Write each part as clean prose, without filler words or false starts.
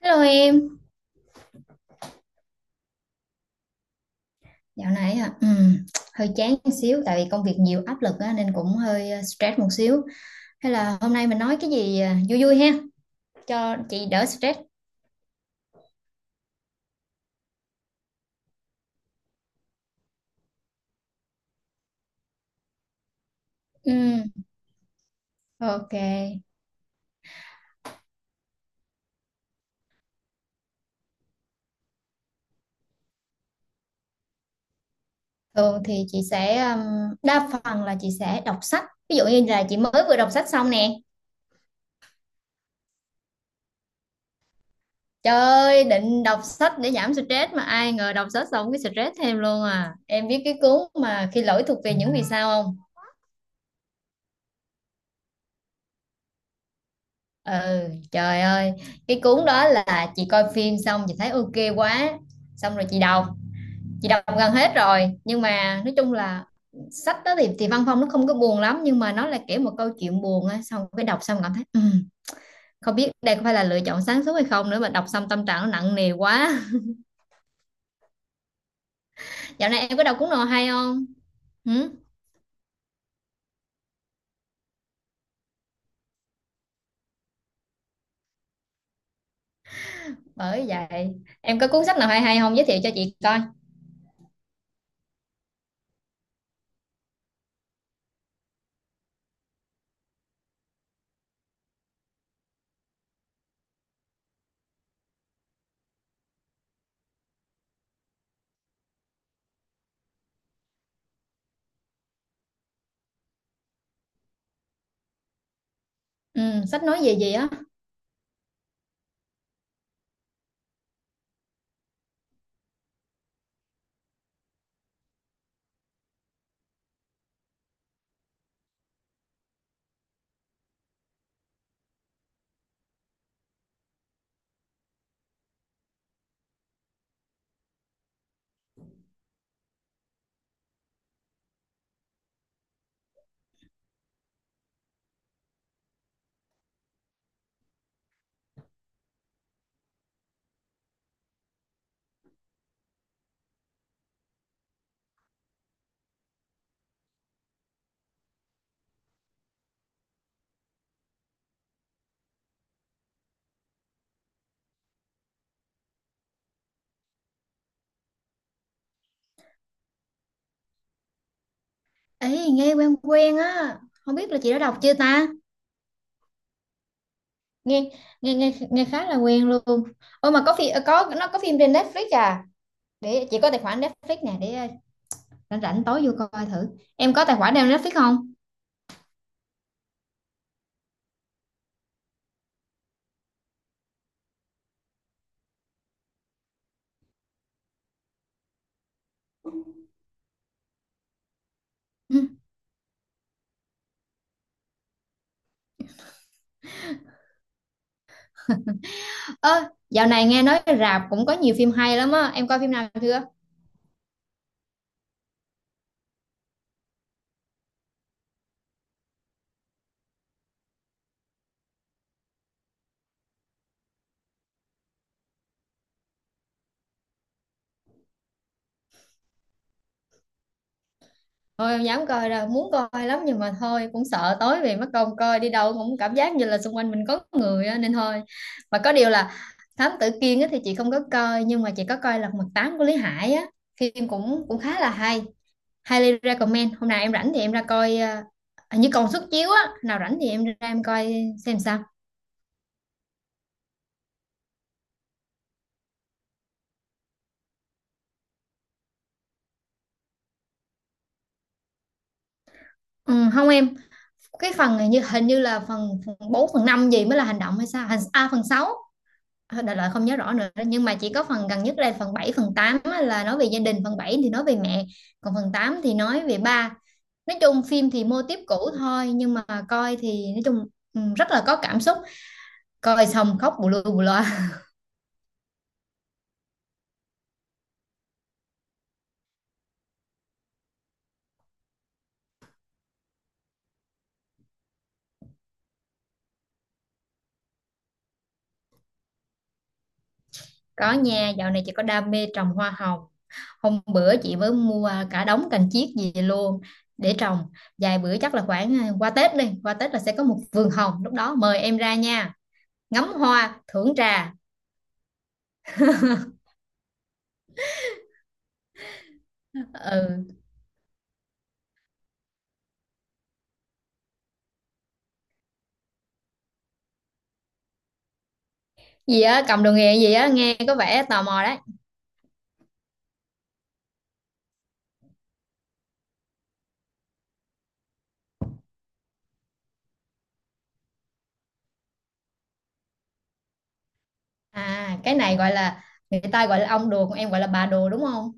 Hello em, dạo này hả? Hơi chán một xíu tại vì công việc nhiều áp lực á, nên cũng hơi stress một xíu. Hay là hôm nay mình nói cái gì vui vui ha, cho chị đỡ stress. Ừm, ok. Thường thì chị sẽ đa phần là chị sẽ đọc sách. Ví dụ như là chị mới vừa đọc sách xong nè. Trời ơi, định đọc sách để giảm stress mà ai ngờ đọc sách xong cái stress thêm luôn à. Em biết cái cuốn mà khi lỗi thuộc về những vì sao không? Ừ, trời ơi, cái cuốn đó là chị coi phim xong chị thấy ok quá, xong rồi chị đọc gần hết rồi, nhưng mà nói chung là sách đó thì văn phong nó không có buồn lắm nhưng mà nó là kiểu một câu chuyện buồn á, xong cái đọc xong cảm thấy không biết đây có phải là lựa chọn sáng suốt hay không nữa mà đọc xong tâm trạng nó nặng nề quá. Dạo này em có đọc cuốn nào hay không? Ừ, bởi vậy, em có cuốn sách nào hay hay không giới thiệu cho chị coi. Ừ, sách nói về gì á? Ê, nghe quen quen á, không biết là chị đã đọc chưa ta? Nghe nghe nghe nghe khá là quen luôn. Ôi mà có phim trên Netflix à, để chị có tài khoản Netflix nè để rảnh rảnh tối vô coi thử. Em có tài khoản nào Netflix không? Ơ, dạo này nghe nói rạp cũng có nhiều phim hay lắm á, em coi phim nào chưa? Thôi em dám coi rồi muốn coi lắm nhưng mà thôi cũng sợ tối về mất công coi đi đâu cũng cảm giác như là xung quanh mình có người á, nên thôi. Mà có điều là Thám Tử Kiên á thì chị không có coi nhưng mà chị có coi Lật Mặt Tám của Lý Hải á, phim cũng cũng khá là hay, highly recommend. Hôm nào em rảnh thì em ra coi, hình như còn suất chiếu á, nào rảnh thì em ra em coi xem sao. Ừ, không em, cái phần hình như là phần 4 phần 5 gì mới là hành động hay sao phần sáu, đại loại không nhớ rõ nữa nhưng mà chỉ có phần gần nhất là phần 7 phần 8 á, là nói về gia đình, phần 7 thì nói về mẹ, còn phần 8 thì nói về ba. Nói chung phim thì mô típ cũ thôi nhưng mà coi thì nói chung rất là có cảm xúc, coi xong khóc bù lu bù loa. Có nha, dạo này chỉ có đam mê trồng hoa hồng. Hôm bữa chị mới mua cả đống cành chiết gì luôn để trồng, vài bữa chắc là khoảng qua Tết là sẽ có một vườn hồng, lúc đó mời em ra nha, ngắm hoa thưởng trà. Ừ, gì á cầm đồ nghề gì á, nghe có vẻ tò mò đấy. À cái này gọi là Người ta gọi là ông đồ còn em gọi là bà đồ đúng không?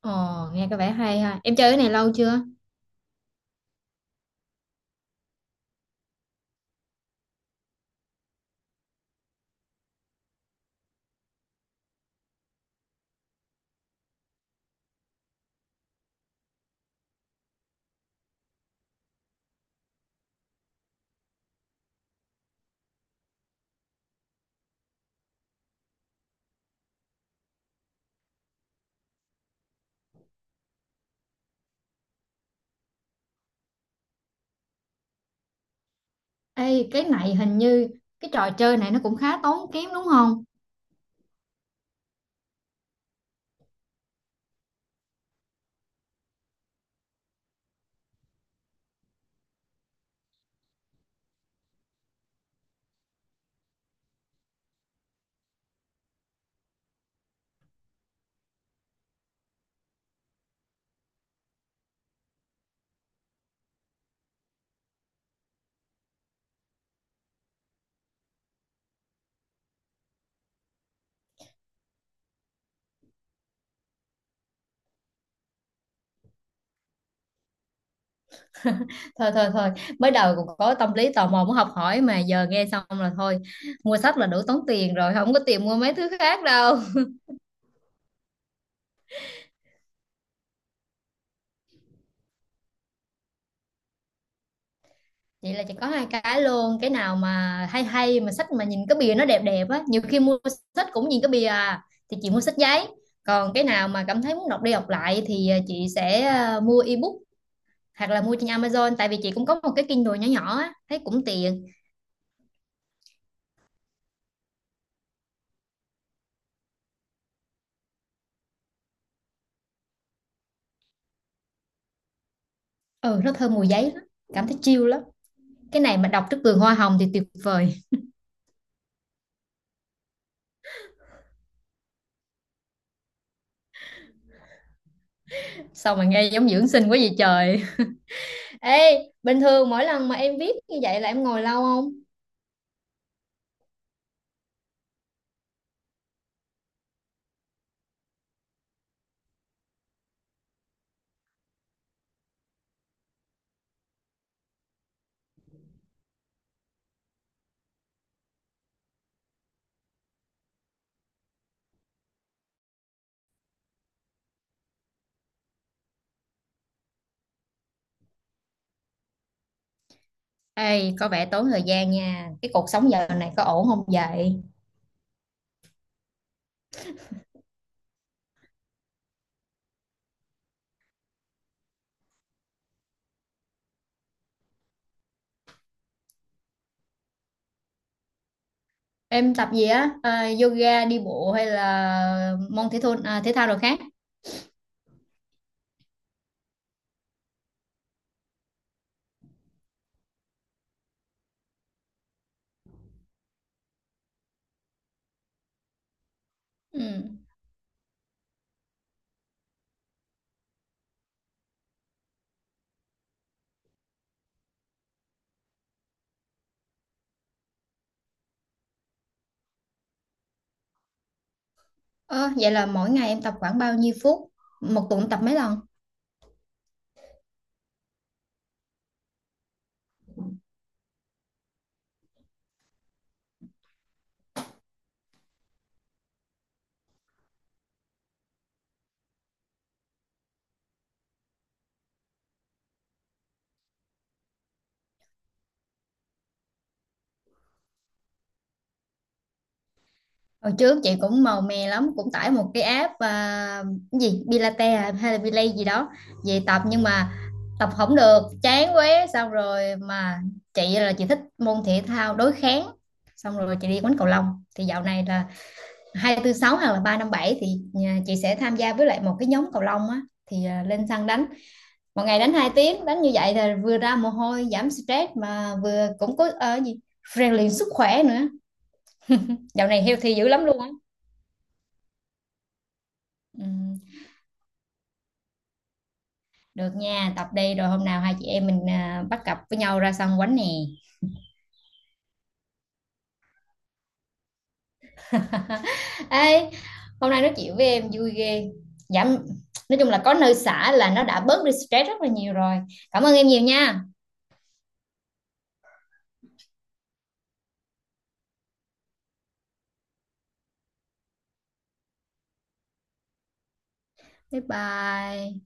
Ồ, nghe có vẻ hay ha. Em chơi cái này lâu chưa? Ê, cái này hình như cái trò chơi này nó cũng khá tốn kém đúng không? Thôi thôi thôi, mới đầu cũng có tâm lý tò mò muốn học hỏi mà giờ nghe xong là thôi, mua sách là đủ tốn tiền rồi, không có tiền mua mấy thứ khác đâu. Vậy là chỉ có hai cái luôn, cái nào mà hay hay mà sách mà nhìn cái bìa nó đẹp đẹp á, nhiều khi mua sách cũng nhìn cái bìa à, thì chị mua sách giấy, còn cái nào mà cảm thấy muốn đọc đi đọc lại thì chị sẽ mua ebook hoặc là mua trên Amazon, tại vì chị cũng có một cái Kindle nhỏ nhỏ á thấy cũng tiện. Ừ, nó thơm mùi giấy lắm, cảm thấy chill lắm. Cái này mà đọc trước vườn hoa hồng thì tuyệt vời. Sao mà nghe giống dưỡng sinh quá vậy trời. Ê, bình thường mỗi lần mà em viết như vậy là em ngồi lâu không? Ê, có vẻ tốn thời gian nha. Cái cuộc sống giờ này có ổn không vậy? Em tập gì á, Yoga, đi bộ hay là môn thể thao, thể thao rồi khác? Ừ. Ờ, Vậy là mỗi ngày em tập khoảng bao nhiêu phút? Một tuần tập mấy lần? Hồi trước chị cũng màu mè lắm, cũng tải một cái app cái gì Pilates hay là Belay gì đó về tập, nhưng mà tập không được chán quá, xong rồi mà chị là chị thích môn thể thao đối kháng, xong rồi chị đi quánh cầu lông thì dạo này là hai tư sáu hoặc là ba năm bảy thì nhà chị sẽ tham gia với lại một cái nhóm cầu lông á, thì lên sân đánh, một ngày đánh 2 tiếng, đánh như vậy là vừa ra mồ hôi giảm stress mà vừa cũng có gì rèn luyện sức khỏe nữa. Dạo này healthy dữ lắm luôn á. Ừ, được nha, tập đây rồi hôm nào hai chị em mình bắt cặp với nhau ra sân quánh nè. Ê, hôm nay nói chuyện với em vui ghê. Giảm, nói chung là có nơi xả là nó đã bớt đi stress rất là nhiều rồi. Cảm ơn em nhiều nha. Bye bye.